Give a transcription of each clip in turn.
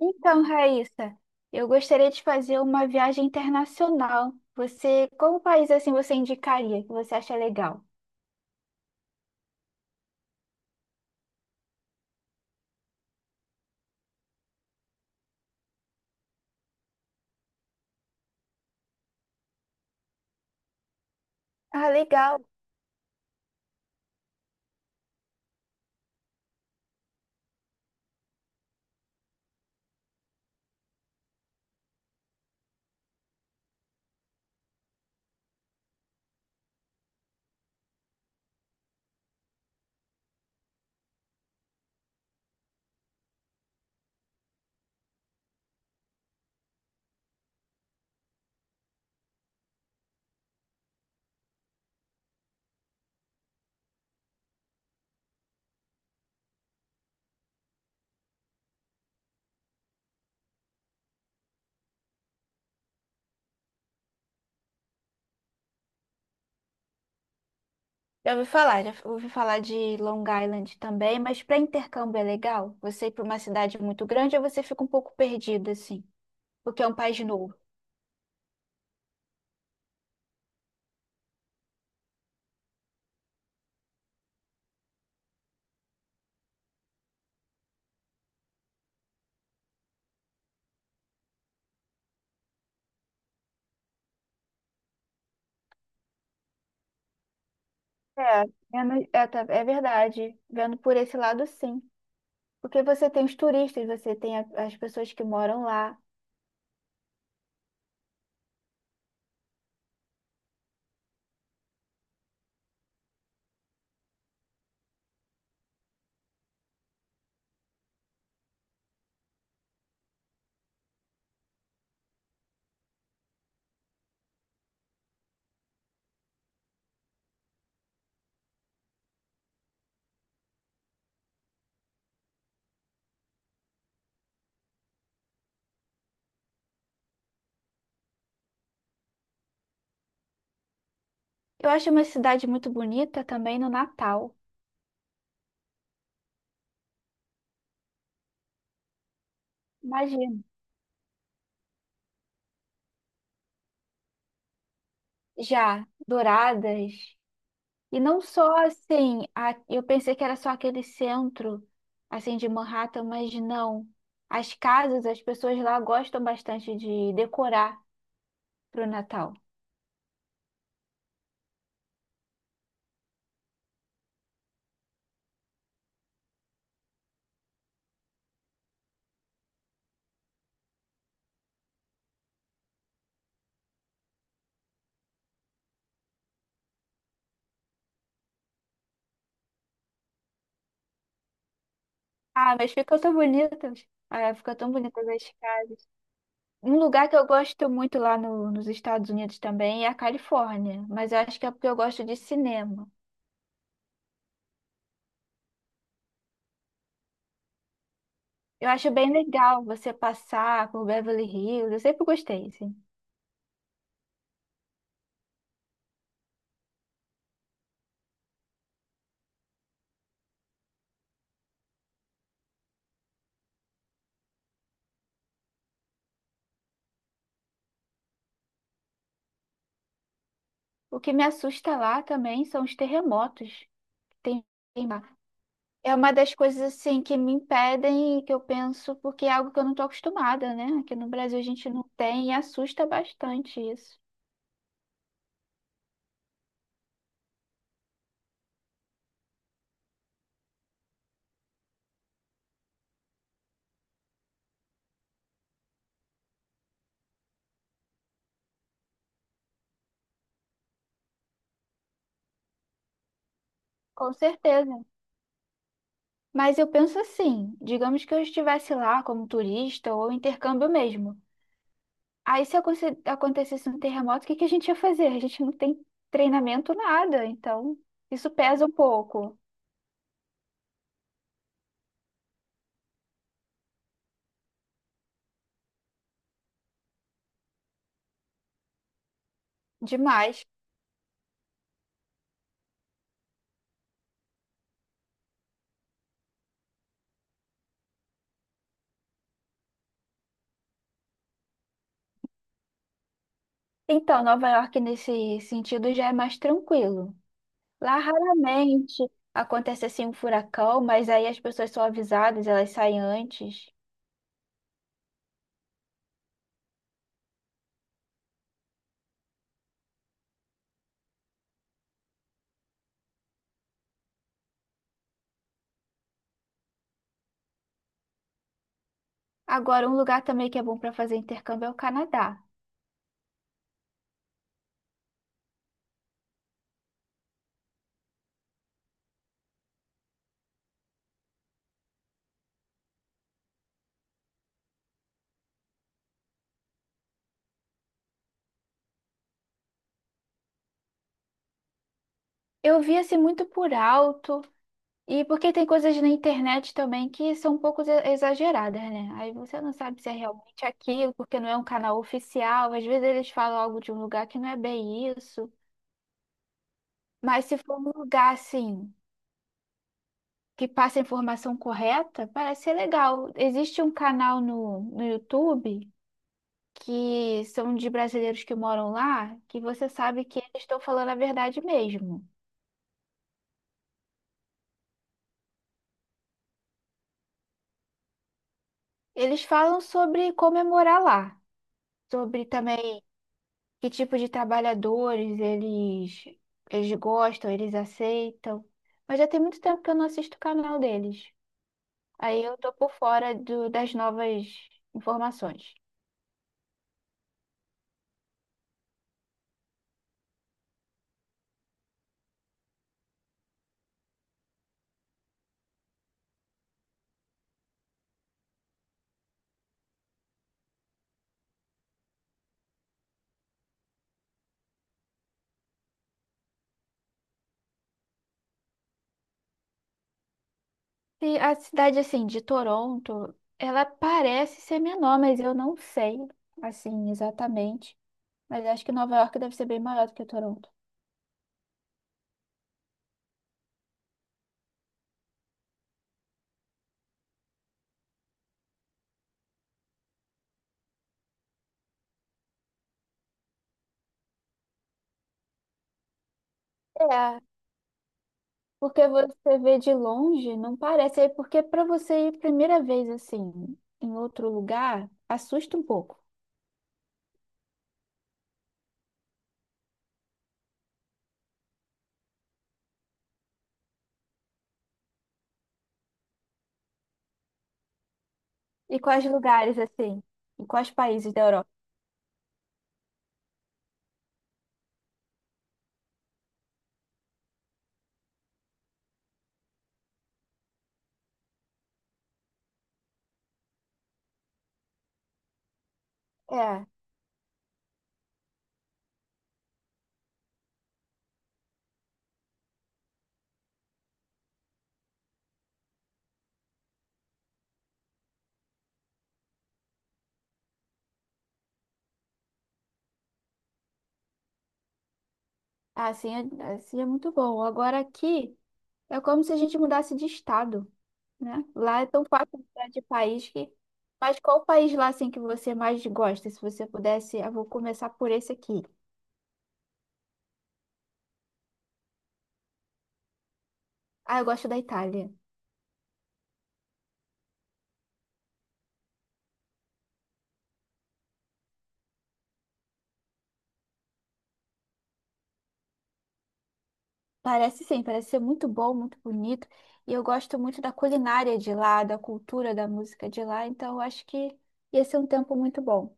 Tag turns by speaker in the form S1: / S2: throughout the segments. S1: Então, Raíssa, eu gostaria de fazer uma viagem internacional. Você, qual país assim você indicaria que você acha legal? Ah, legal. Já ouvi falar de Long Island também, mas para intercâmbio é legal? Você ir para uma cidade muito grande ou você fica um pouco perdida assim, porque é um país novo? É, é verdade. Vendo por esse lado, sim. Porque você tem os turistas, você tem as pessoas que moram lá. Eu acho uma cidade muito bonita também no Natal. Imagina. Já, douradas. E não só assim, eu pensei que era só aquele centro, assim, de Manhattan, mas não. As casas, as pessoas lá gostam bastante de decorar pro Natal. Ah, mas ficam tão bonitas. Ah, ficam tão bonitas as casas. Um lugar que eu gosto muito lá nos Estados Unidos também é a Califórnia, mas eu acho que é porque eu gosto de cinema. Eu acho bem legal você passar por Beverly Hills, eu sempre gostei, assim. O que me assusta lá também são os terremotos que tem lá. É uma das coisas assim que me impedem e que eu penso, porque é algo que eu não estou acostumada, né? Aqui no Brasil a gente não tem e assusta bastante isso. Com certeza. Mas eu penso assim, digamos que eu estivesse lá como turista ou intercâmbio mesmo. Aí se acontecesse um terremoto, o que que a gente ia fazer? A gente não tem treinamento nada, então isso pesa um pouco demais. Então, Nova York nesse sentido já é mais tranquilo. Lá raramente acontece assim um furacão, mas aí as pessoas são avisadas, elas saem antes. Agora, um lugar também que é bom para fazer intercâmbio é o Canadá. Eu vi assim muito por alto, e porque tem coisas na internet também que são um pouco exageradas, né? Aí você não sabe se é realmente aquilo, porque não é um canal oficial. Às vezes eles falam algo de um lugar que não é bem isso. Mas se for um lugar assim. Que passa a informação correta, parece ser legal. Existe um canal no YouTube que são de brasileiros que moram lá, que você sabe que eles estão falando a verdade mesmo. Eles falam sobre como é morar lá, sobre também que tipo de trabalhadores eles, eles gostam, eles aceitam. Mas já tem muito tempo que eu não assisto o canal deles. Aí eu tô por fora das novas informações. E a cidade, assim, de Toronto, ela parece ser menor, mas eu não sei, assim, exatamente. Mas acho que Nova York deve ser bem maior do que Toronto. É, porque você vê de longe, não parece. É. Porque para você ir primeira vez, assim, em outro lugar, assusta um pouco. E quais lugares, assim? E quais países da Europa? É, assim, assim é muito bom. Agora aqui. É como se a gente mudasse de estado, né? Lá é tão fácil mudar de país que. Mas qual país lá assim que você mais gosta? Se você pudesse, eu vou começar por esse aqui. Ah, eu gosto da Itália. Parece sim, parece ser muito bom, muito bonito. E eu gosto muito da culinária de lá, da cultura, da música de lá. Então eu acho que ia ser um tempo muito bom.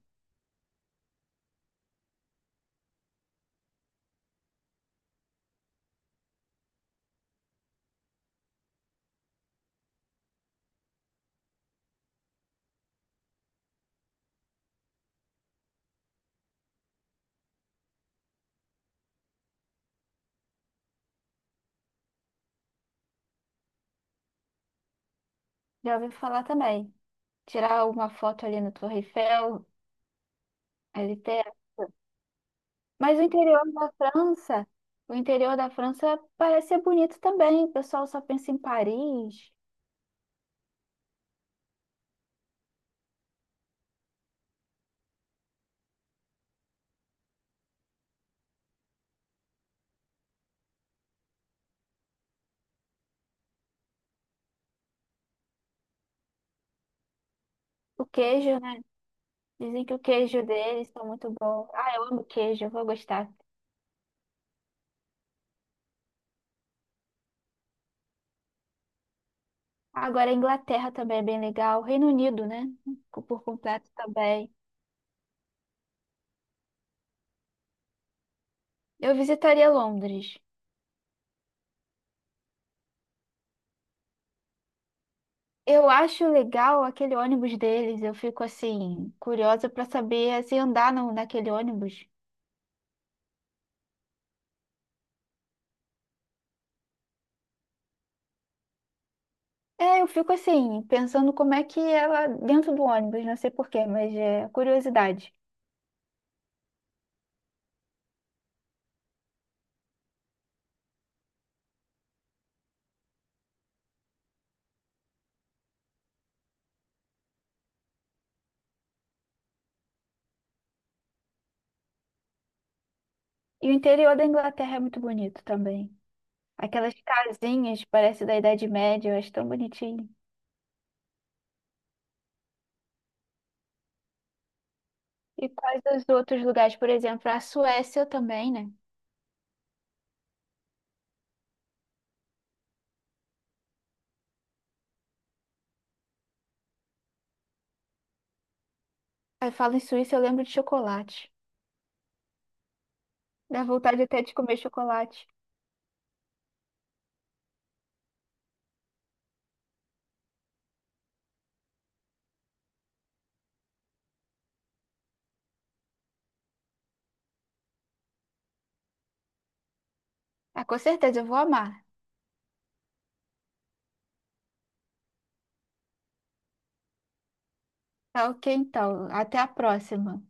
S1: Já ouvi falar também. Tirar uma foto ali na Torre Eiffel, ali. Mas o interior da França, o interior da França parece ser bonito também. O pessoal só pensa em Paris. O queijo, né? Dizem que o queijo deles está muito bom. Ah, eu amo queijo, eu vou gostar. Agora, a Inglaterra também é bem legal. Reino Unido, né? Por completo também. Eu visitaria Londres. Eu acho legal aquele ônibus deles. Eu fico assim, curiosa para saber se andar no, naquele ônibus. É, eu fico assim, pensando como é que é lá dentro do ônibus, não sei porquê, mas é curiosidade. E o interior da Inglaterra é muito bonito também. Aquelas casinhas, parece da Idade Média, eu acho tão bonitinho. E quais os outros lugares, por exemplo, a Suécia também, né? Aí falo em Suíça, eu lembro de chocolate. Dá vontade até de comer chocolate. Ah, com certeza, eu vou amar. Tá, ok, então. Até a próxima.